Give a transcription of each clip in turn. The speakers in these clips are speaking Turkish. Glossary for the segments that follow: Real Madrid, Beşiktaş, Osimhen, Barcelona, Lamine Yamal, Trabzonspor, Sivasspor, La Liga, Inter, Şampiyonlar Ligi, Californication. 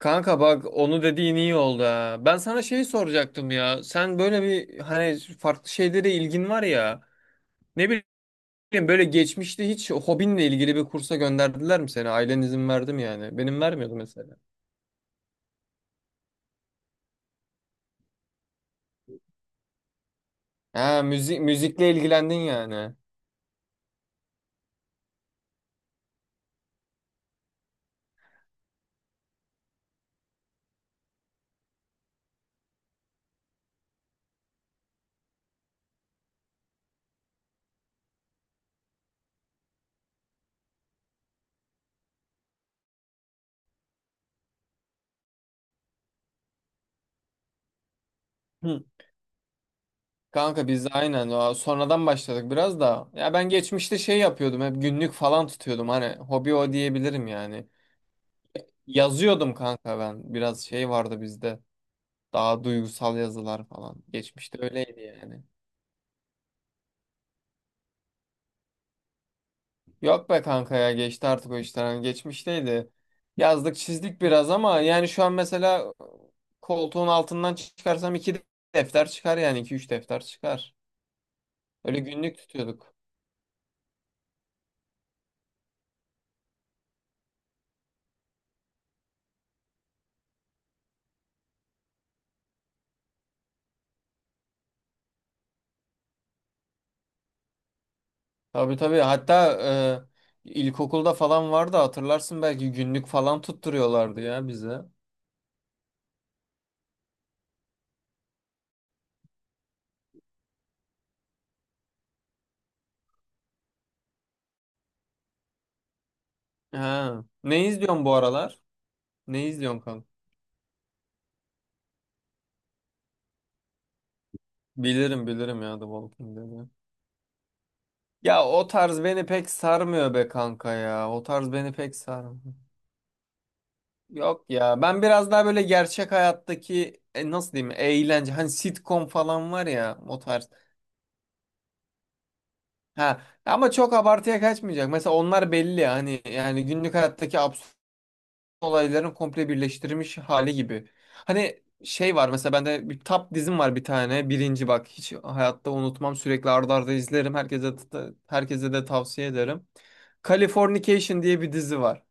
Kanka bak onu dediğin iyi oldu ha. Ben sana şey soracaktım ya. Sen böyle bir hani farklı şeylere ilgin var ya. Ne bileyim böyle geçmişte hiç hobinle ilgili bir kursa gönderdiler mi seni? Ailen izin verdi mi yani? Benim vermiyordu mesela. Ha müzikle ilgilendin yani. Hı. Kanka biz de aynen o sonradan başladık biraz da. Ya ben geçmişte şey yapıyordum hep günlük falan tutuyordum hani hobi o diyebilirim yani. Yazıyordum kanka ben. Biraz şey vardı bizde. Daha duygusal yazılar falan. Geçmişte öyleydi yani. Yok be kanka ya geçti artık o işler. Hani geçmişteydi. Yazdık çizdik biraz ama yani şu an mesela koltuğun altından çıkarsam iki defter çıkar yani iki üç defter çıkar. Öyle günlük tutuyorduk. Tabii tabii, hatta ilkokulda falan vardı hatırlarsın belki günlük falan tutturuyorlardı ya bize. Ha. Ne izliyorsun bu aralar? Ne izliyorsun kanka? Bilirim bilirim ya The Walking Dead'i. Ya o tarz beni pek sarmıyor be kanka ya. O tarz beni pek sarmıyor. Yok ya. Ben biraz daha böyle gerçek hayattaki nasıl diyeyim eğlence. Hani sitcom falan var ya o tarz. Ha, ama çok abartıya kaçmayacak. Mesela onlar belli ya. Hani yani günlük hayattaki absürt olayların komple birleştirilmiş hali gibi. Hani şey var mesela bende bir tap dizim var bir tane. Birinci bak hiç hayatta unutmam. Sürekli arda arda izlerim. Herkese de tavsiye ederim. Californication diye bir dizi var.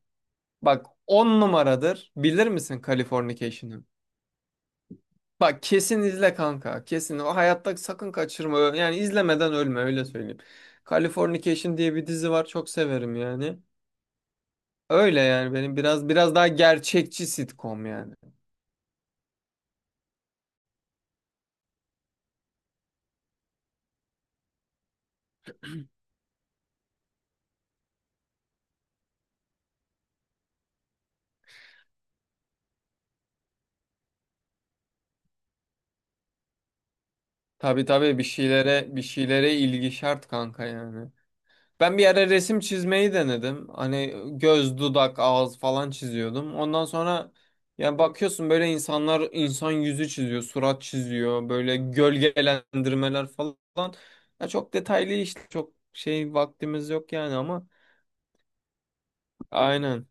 Bak 10 numaradır. Bilir misin Californication'ı? Bak kesin izle kanka. Kesin. O hayatta sakın kaçırma. Yani izlemeden ölme öyle söyleyeyim. Californication diye bir dizi var. Çok severim yani. Öyle yani benim biraz daha gerçekçi sitcom yani. Tabii tabii, bir şeylere ilgi şart kanka yani. Ben bir ara resim çizmeyi denedim. Hani göz, dudak, ağız falan çiziyordum. Ondan sonra yani bakıyorsun böyle insan yüzü çiziyor, surat çiziyor, böyle gölgelendirmeler falan. Ya çok detaylı işte çok şey vaktimiz yok yani ama aynen.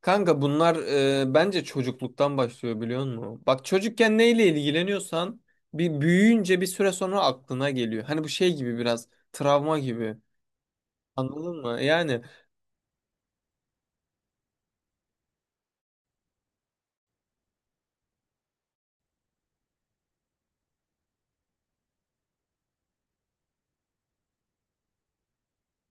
Kanka bunlar bence çocukluktan başlıyor biliyor musun? Bak çocukken neyle ilgileniyorsan bir büyüyünce bir süre sonra aklına geliyor. Hani bu şey gibi biraz travma gibi. Anladın mı? Yani.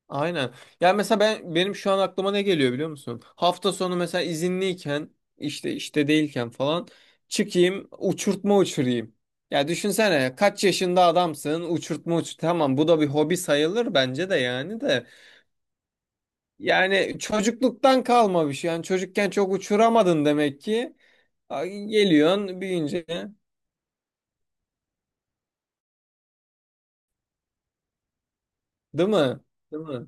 Aynen. Yani mesela benim şu an aklıma ne geliyor biliyor musun? Hafta sonu mesela izinliyken işte değilken falan çıkayım uçurtma uçurayım. Ya düşünsene kaç yaşında adamsın uçurtma uçur. Tamam, bu da bir hobi sayılır bence de yani de. Yani çocukluktan kalma bir şey. Yani çocukken çok uçuramadın demek ki. Ay, geliyorsun büyüyünce, değil mi? Değil mi?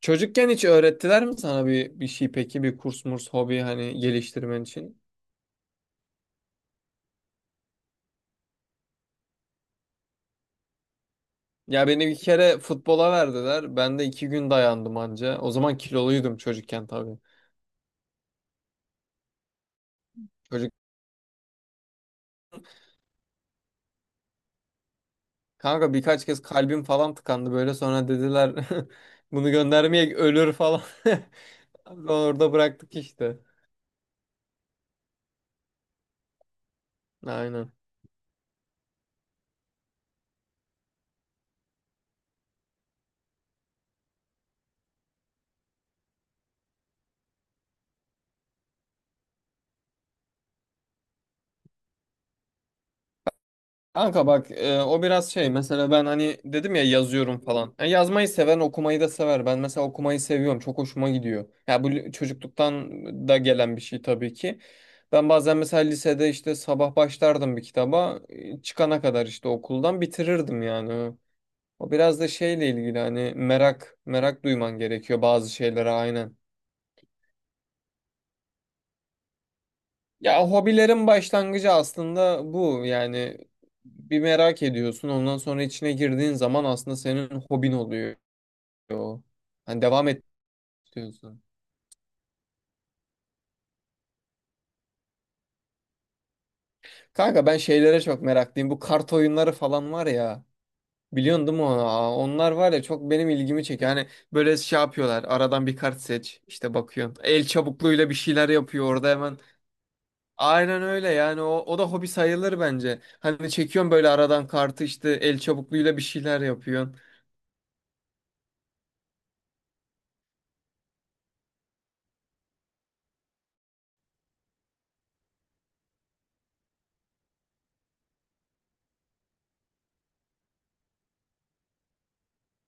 Çocukken hiç öğrettiler mi sana bir şey peki, bir kurs murs hobi hani geliştirmen için? Ya beni bir kere futbola verdiler. Ben de 2 gün dayandım anca. O zaman kiloluydum çocukken tabii. Çocuk Kanka birkaç kez kalbim falan tıkandı böyle. Sonra dediler bunu göndermeye ölür falan. Sonra orada bıraktık işte. Aynen. Kanka bak, o biraz şey mesela ben hani dedim ya yazıyorum falan. Yani yazmayı seven okumayı da sever. Ben mesela okumayı seviyorum. Çok hoşuma gidiyor. Ya bu çocukluktan da gelen bir şey tabii ki. Ben bazen mesela lisede işte sabah başlardım bir kitaba. Çıkana kadar işte okuldan bitirirdim yani. O biraz da şeyle ilgili hani merak duyman gerekiyor bazı şeylere, aynen. Ya hobilerin başlangıcı aslında bu. Yani bir merak ediyorsun. Ondan sonra içine girdiğin zaman aslında senin hobin oluyor. Hani devam et diyorsun. Kanka ben şeylere çok meraklıyım. Bu kart oyunları falan var ya. Biliyorsun değil mi onu? Aa, onlar var ya çok benim ilgimi çekiyor. Hani böyle şey yapıyorlar. Aradan bir kart seç. İşte bakıyorsun. El çabukluğuyla bir şeyler yapıyor orada hemen. Aynen öyle yani o da hobi sayılır bence. Hani çekiyorsun böyle aradan kartı, işte el çabukluğuyla bir şeyler yapıyorsun.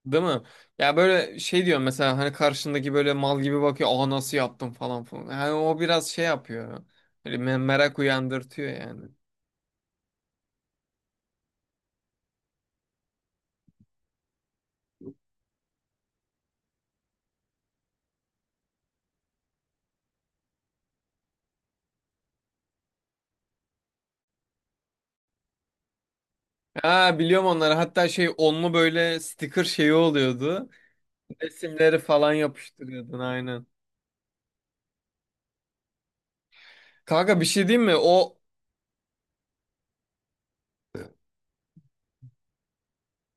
Değil mi? Ya böyle şey diyorum mesela hani karşındaki böyle mal gibi bakıyor. Aa, nasıl yaptım falan falan. Yani o biraz şey yapıyor. Böyle merak uyandırtıyor yani. Ha, biliyorum onları. Hatta şey onlu böyle sticker şeyi oluyordu. Resimleri falan yapıştırıyordun, aynen. Kanka bir şey diyeyim mi? O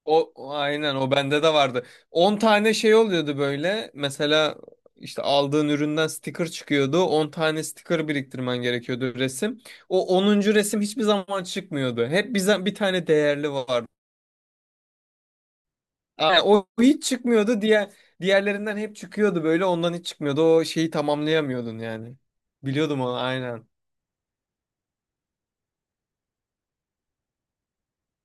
O o aynen o bende de vardı. 10 tane şey oluyordu böyle. Mesela işte aldığın üründen sticker çıkıyordu. 10 tane sticker biriktirmen gerekiyordu, resim. O onuncu resim hiçbir zaman çıkmıyordu. Hep bize bir tane değerli vardı. Yani o hiç çıkmıyordu. Diğerlerinden hep çıkıyordu böyle. Ondan hiç çıkmıyordu. O şeyi tamamlayamıyordun yani. Biliyordum onu, aynen.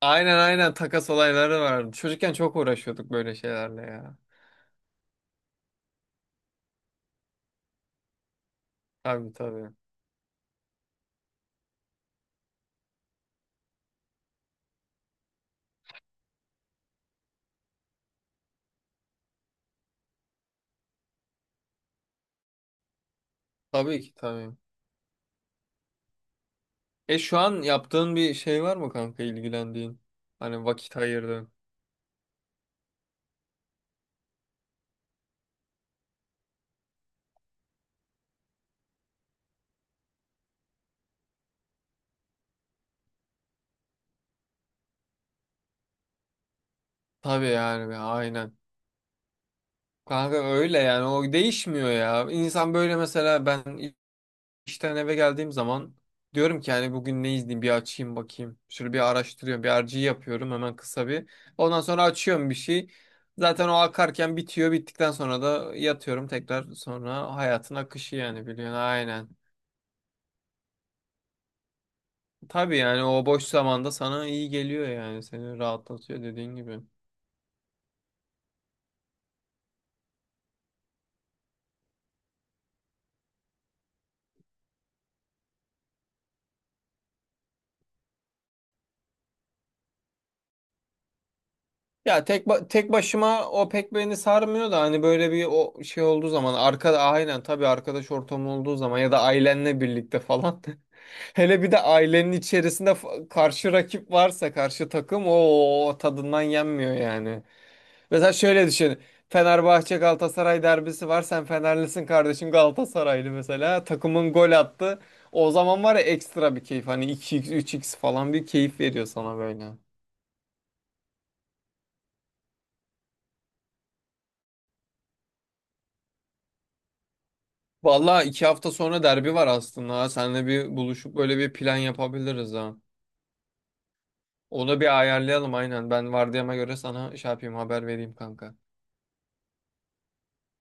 Aynen aynen, takas olayları vardı. Çocukken çok uğraşıyorduk böyle şeylerle ya. Tabii tabii. Tabii ki tabii. E, şu an yaptığın bir şey var mı kanka ilgilendiğin? Hani vakit ayırdığın. Tabii yani ya, aynen. Kanka öyle yani o değişmiyor ya. İnsan böyle mesela ben işten eve geldiğim zaman diyorum ki yani bugün ne izleyeyim bir açayım bakayım. Şöyle bir araştırıyorum, bir RG yapıyorum hemen kısa bir. Ondan sonra açıyorum bir şey. Zaten o akarken bitiyor. Bittikten sonra da yatıyorum, tekrar sonra hayatın akışı yani, biliyorsun, aynen. Tabii yani o boş zamanda sana iyi geliyor yani, seni rahatlatıyor dediğin gibi. Ya tek başıma o pek beni sarmıyor da hani böyle bir o şey olduğu zaman arkada, aynen tabii, arkadaş ortamı olduğu zaman ya da ailenle birlikte falan. Hele bir de ailenin içerisinde karşı rakip varsa karşı takım, o tadından yenmiyor yani. Mesela şöyle düşün. Fenerbahçe Galatasaray derbisi var. Sen Fenerlisin, kardeşim Galatasaraylı mesela. Takımın gol attı. O zaman var ya ekstra bir keyif. Hani iki x üç x falan bir keyif veriyor sana böyle. Vallahi 2 hafta sonra derbi var aslında. Ha. Seninle bir buluşup böyle bir plan yapabiliriz ha. Onu bir ayarlayalım, aynen. Ben vardiyama göre sana şey yapayım, haber vereyim kanka.